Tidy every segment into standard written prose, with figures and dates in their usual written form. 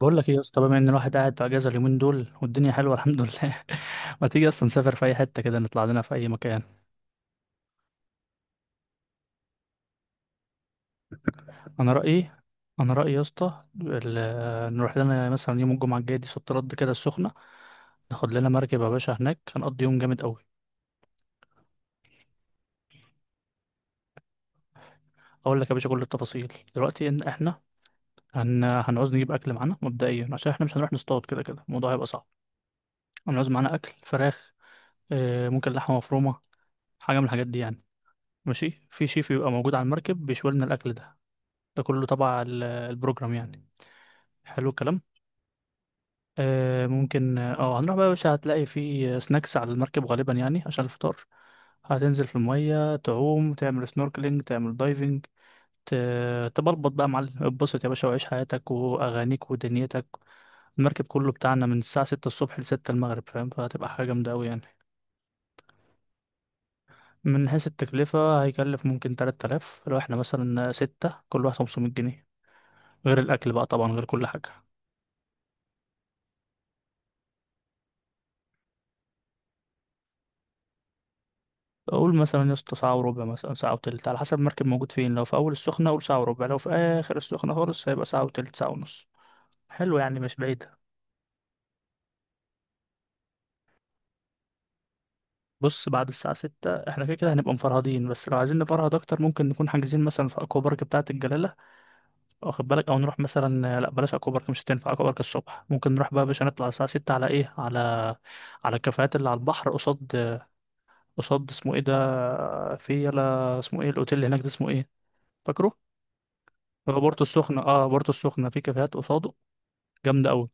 بقول لك ايه يا اسطى؟ بما ان الواحد قاعد في اجازه اليومين دول والدنيا حلوه الحمد لله. ما تيجي اصلا نسافر في اي حته كده، نطلع لنا في اي مكان؟ انا رايي انا رايي يا اسطى، نروح لنا مثلا يوم الجمعه الجاي دي، صد رد كده، السخنه. ناخد لنا مركب يا باشا، هناك هنقضي يوم جامد قوي. اقول لك يا باشا كل التفاصيل دلوقتي. ان احنا هنعوز نجيب اكل معانا مبدئيا، عشان احنا مش هنروح نصطاد، كده كده الموضوع هيبقى صعب. هنعوز معانا اكل، فراخ، ممكن لحمه مفرومه، حاجه من الحاجات دي يعني. ماشي، في شيف يبقى موجود على المركب بيشوي لنا الاكل ده، ده كله تبع البروجرام يعني. حلو الكلام. آه ممكن، هنروح بقى يا باشا. هتلاقي في سناكس على المركب غالبا يعني عشان الفطار. هتنزل في المية، تعوم، تعمل سنوركلينج، تعمل دايفنج، ت- تبلبط بقى يا معلم. اتبسط يا باشا وعيش حياتك وأغانيك ودنيتك. المركب كله بتاعنا من الساعة ستة الصبح لستة المغرب، فاهم؟ فهتبقى حاجة جامدة أوي يعني. من حيث التكلفة، هيكلف ممكن 3000. لو احنا مثلا ستة، كل واحد 500 جنيه، غير الأكل بقى طبعا، غير كل حاجة. اقول مثلا يا اسطى ساعه وربع، مثلا ساعه وتلت، على حسب المركب موجود فين. لو في اول السخنه اقول ساعه وربع، لو في اخر السخنه خالص هيبقى ساعه وتلت، ساعه ونص. حلو، يعني مش بعيده. بص، بعد الساعه ستة احنا كده كده هنبقى مفرهدين. بس لو عايزين نفرهد اكتر، ممكن نكون حاجزين مثلا في اكوا بارك بتاعه الجلاله، واخد بالك؟ او نروح مثلا، لا بلاش اكوا بارك، مش هتنفع اكوا بارك الصبح. ممكن نروح بقى يا باشا، نطلع الساعه ستة على ايه، على الكافيهات اللي على البحر، قصاد قصاد اسمه ايه ده، في يلا اسمه ايه الاوتيل اللي هناك ده اسمه ايه، فاكره؟ هو بورتو السخنة. اه، بورتو السخنة، في كافيهات قصاده جامدة أوي.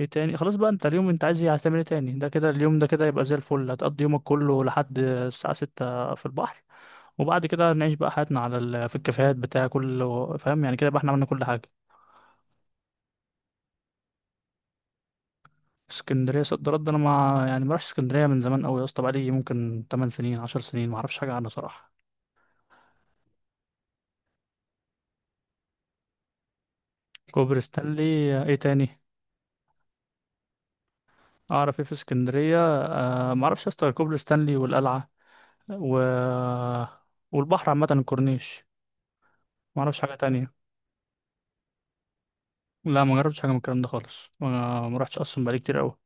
ايه تاني؟ خلاص بقى، انت اليوم انت عايز ايه؟ عايز تعمل ايه تاني؟ ده كده اليوم ده كده يبقى زي الفل. هتقضي يومك كله لحد الساعة ستة في البحر، وبعد كده نعيش بقى حياتنا على في الكافيهات بتاع كل، فاهم؟ يعني كده بقى احنا عملنا كل حاجة. اسكندرية، صد رد، انا ما يعني ما رحتش اسكندرية من زمان أوي يا اسطى، بقالي ممكن 8 سنين 10 سنين، ما اعرفش حاجة عنها صراحة. كوبري ستانلي؟ ايه تاني؟ اعرف ايه في اسكندرية؟ أه، ما اعرفش يا اسطى غير كوبري ستانلي والقلعة، و... والبحر عامة، الكورنيش. ما اعرفش حاجة تانية. لا، ما جربتش حاجه من الكلام ده خالص، ما رحتش اصلا، بقالي كتير قوي.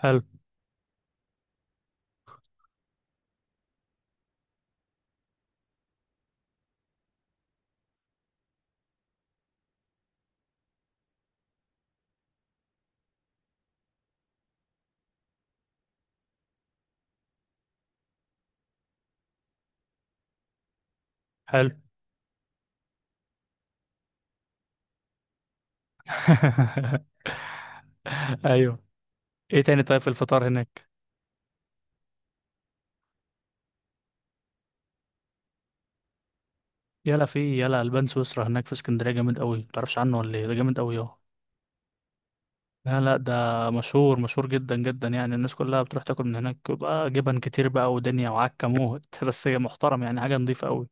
حلو، حلو. ايوه. ايه تاني طيب في الفطار هناك؟ يلا في يلا البان سويسرا هناك في اسكندريه جامد قوي، متعرفش عنه ولا ايه؟ ده جامد قوي، اه. لا لا، ده مشهور مشهور جدا جدا يعني. الناس كلها بتروح تاكل من هناك، بقى جبن كتير بقى ودنيا وعكه موت. بس هي محترم يعني، حاجه نظيفه قوي.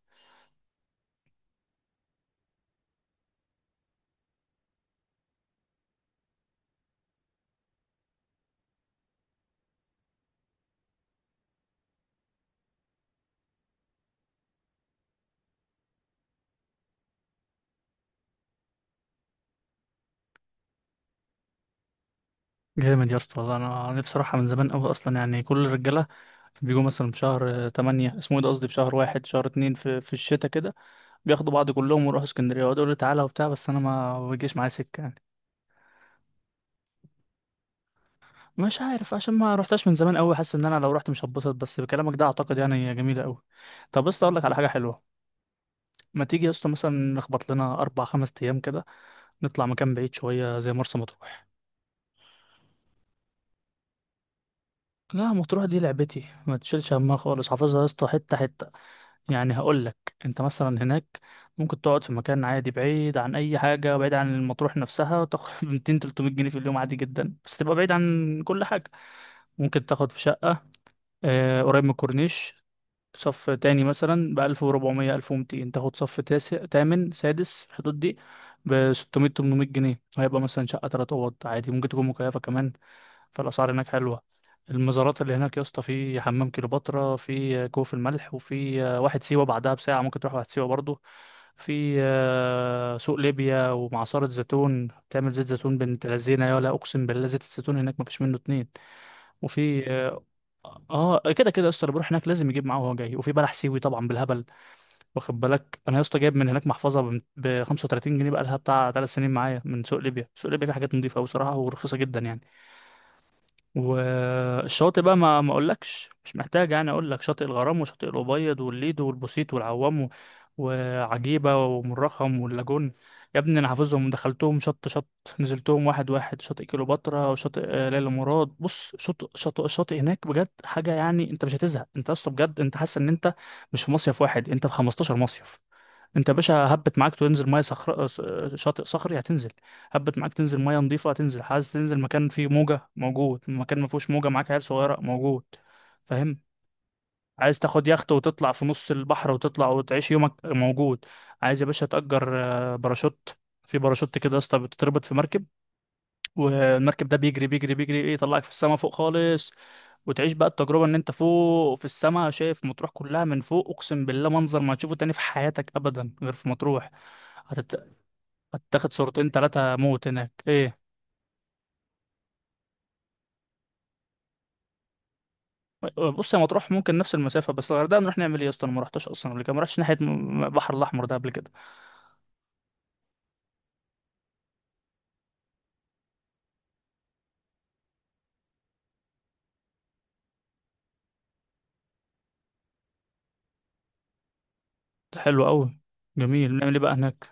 جامد يا اسطى والله، انا نفسي اروحها من زمان قوي اصلا يعني. كل الرجاله بيجوا مثلا في شهر 8، اسمه ايه ده، قصدي في شهر واحد، شهر اتنين، في الشتاء كده. بياخدوا بعض كلهم ويروحوا اسكندريه ويقعدوا يقولوا لي تعالى وبتاع، بس انا ما بيجيش معايا سكه يعني. مش عارف، عشان ما رحتش من زمان قوي، حاسس ان انا لو رحت مش هتبسط، بس بكلامك ده اعتقد يعني هي جميله قوي. طب بس اقول لك على حاجه حلوه. ما تيجي يا اسطى مثلا نخبط لنا اربع خمس ايام كده، نطلع مكان بعيد شويه زي مرسى مطروح؟ لا، مطروح دي لعبتي، ما تشيلش همها خالص، حافظها يا اسطى حته حته يعني. هقول لك، انت مثلا هناك ممكن تقعد في مكان عادي بعيد عن اي حاجه، بعيد عن المطروح نفسها، وتاخد 200 300 جنيه في اليوم عادي جدا، بس تبقى بعيد عن كل حاجه. ممكن تاخد في شقة قريب من الكورنيش، صف تاني مثلا، بألف وربعمية، ألف ومتين، تاخد صف تاسع تامن سادس في الحدود دي بستمية تمنمية جنيه. هيبقى مثلا شقة 3 أوض عادي، ممكن تكون مكيفة كمان. فالأسعار هناك حلوة. المزارات اللي هناك يا اسطى، في حمام كليوباترا، في كوف الملح، وفي واحد سيوة، بعدها بساعة ممكن تروح واحد سيوة برضه. في سوق ليبيا، ومعصرة زيتون تعمل زيت زيتون بنت لذينة، يا لا أقسم بالله زيت الزيتون هناك مفيش منه اتنين. وفي اه كده كده يا اسطى، اللي بيروح هناك لازم يجيب معاه وهو جاي، وفي بلح سيوي طبعا بالهبل. واخد بالك؟ انا يا اسطى جايب من هناك محفظه ب 35 جنيه، بقى لها بتاع 3 سنين معايا، من سوق ليبيا. سوق ليبيا فيه حاجات نظيفه قوي صراحه ورخيصه جدا يعني. والشاطئ بقى، ما اقولكش، مش محتاج يعني. اقول لك، شاطئ الغرام وشاطئ الأبيض والليدو والبوسيت والعوام وعجيبة ومرخم واللاجون. يا ابني انا حافظهم، دخلتهم شط شط، نزلتهم واحد واحد. شاطئ كليوباترا وشاطئ ليلى مراد. بص، شاطئ شاطئ الشاطئ هناك بجد حاجة يعني، انت مش هتزهق، انت اصلا بجد انت حاسس ان انت مش في مصيف واحد، انت في 15 مصيف. انت يا باشا هبت معاك تنزل ميه صخر، شاطئ صخري هتنزل. هبت معاك تنزل ميه نظيفه، هتنزل. عايز تنزل مكان فيه موجه، موجود. مكان ما فيهوش موجه معاك عيال صغيره، موجود. فاهم؟ عايز تاخد يخت وتطلع في نص البحر وتطلع وتعيش يومك، موجود. عايز يا باشا تأجر باراشوت، في باراشوت كده يا اسطى بتتربط في مركب، والمركب ده بيجري بيجري بيجري ايه، يطلعك في السما فوق خالص. وتعيش بقى التجربة ان انت فوق في السما شايف مطروح كلها من فوق، اقسم بالله منظر ما تشوفه تاني في حياتك ابدا غير في مطروح. هتت... هتاخد صورتين تلاتة موت هناك، ايه. بص، يا مطروح، ممكن نفس المسافة، بس الغردقة نروح نعمل ايه يا اسطى؟ انا ما رحتش اصلا قبل كده، ما رحتش ناحية البحر الاحمر ده قبل كده. ده حلو قوي، جميل، نعمل ايه بقى هناك؟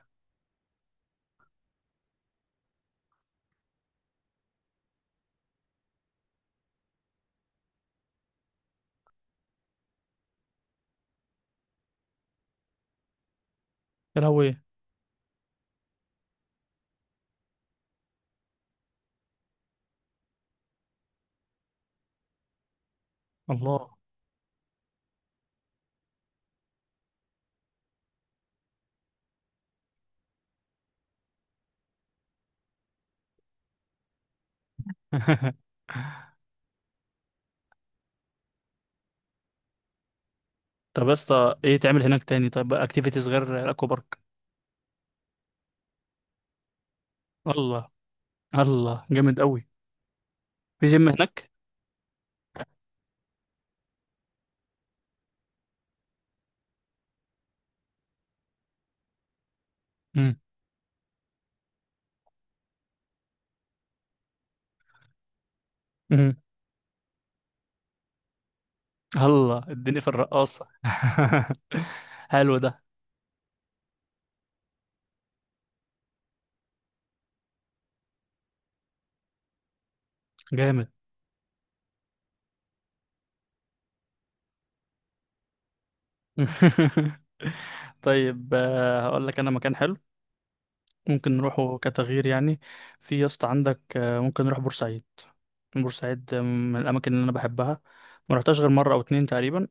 يا لهوي. الله. طب يا اسطى ايه تعمل هناك تاني، طيب اكتيفيتيز غير الاكوا بارك؟ الله. الله جامد قوي. في جيم هناك؟ امم. امم. الله، اديني في الرقاصة. حلو ده، جامد. طيب، هقول لك انا مكان حلو ممكن نروحه كتغيير يعني. في يا اسطى عندك، ممكن نروح بورسعيد. بورسعيد، من الاماكن اللي انا بحبها. ما رحتهاش غير مره او اتنين تقريبا،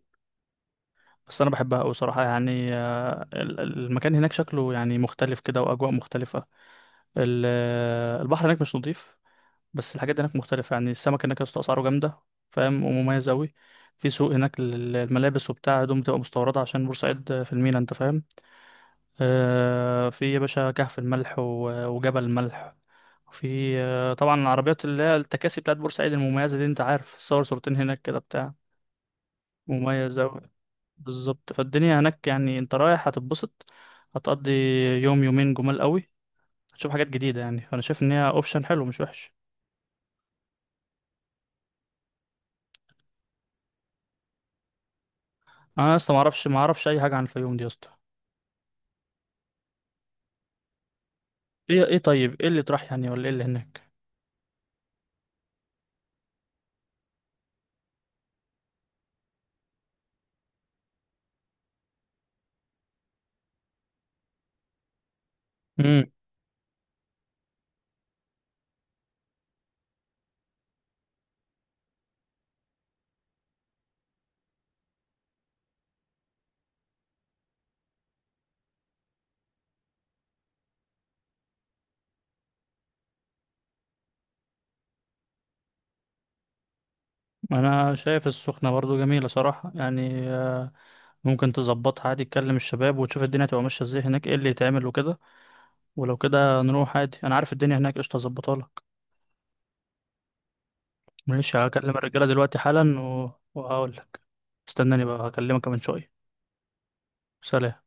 بس انا بحبها قوي صراحه يعني. المكان هناك شكله يعني مختلف كده، واجواء مختلفه. البحر هناك مش نظيف، بس الحاجات دي هناك مختلفة يعني. السمك هناك يا اسطى أسعاره جامدة، فاهم، ومميز أوي. في سوق هناك للملابس وبتاع، هدوم بتبقى مستوردة عشان بورسعيد في المينا، أنت فاهم. آه، في يا باشا كهف الملح وجبل الملح. وفي آه، طبعا، العربيات اللي هي التكاسي بتاعت بورسعيد المميزة دي، أنت عارف، صورتين هناك كده بتاع، مميز أوي. بالظبط. فالدنيا هناك يعني أنت رايح هتتبسط، هتقضي يوم يومين جمال أوي، هتشوف حاجات جديدة يعني. فأنا شايف إن هي أوبشن حلو، مش وحش. أنا أصلا معرفش أي حاجة عن الفيوم دي يا اسطى. ايه ايه؟ طيب ايه اللي طرح يعني، ولا ايه اللي هناك؟ امم انا شايف السخنه برضو جميله صراحه يعني. ممكن تظبطها عادي، تكلم الشباب وتشوف الدنيا تبقى ماشيه ازاي هناك، ايه اللي يتعمل وكده. ولو كده، نروح عادي، انا عارف الدنيا هناك قشطه، اظبطها لك. ماشي، هكلم الرجاله دلوقتي حالا، وهقول لك. استناني بقى، هكلمك كمان شويه. سلام.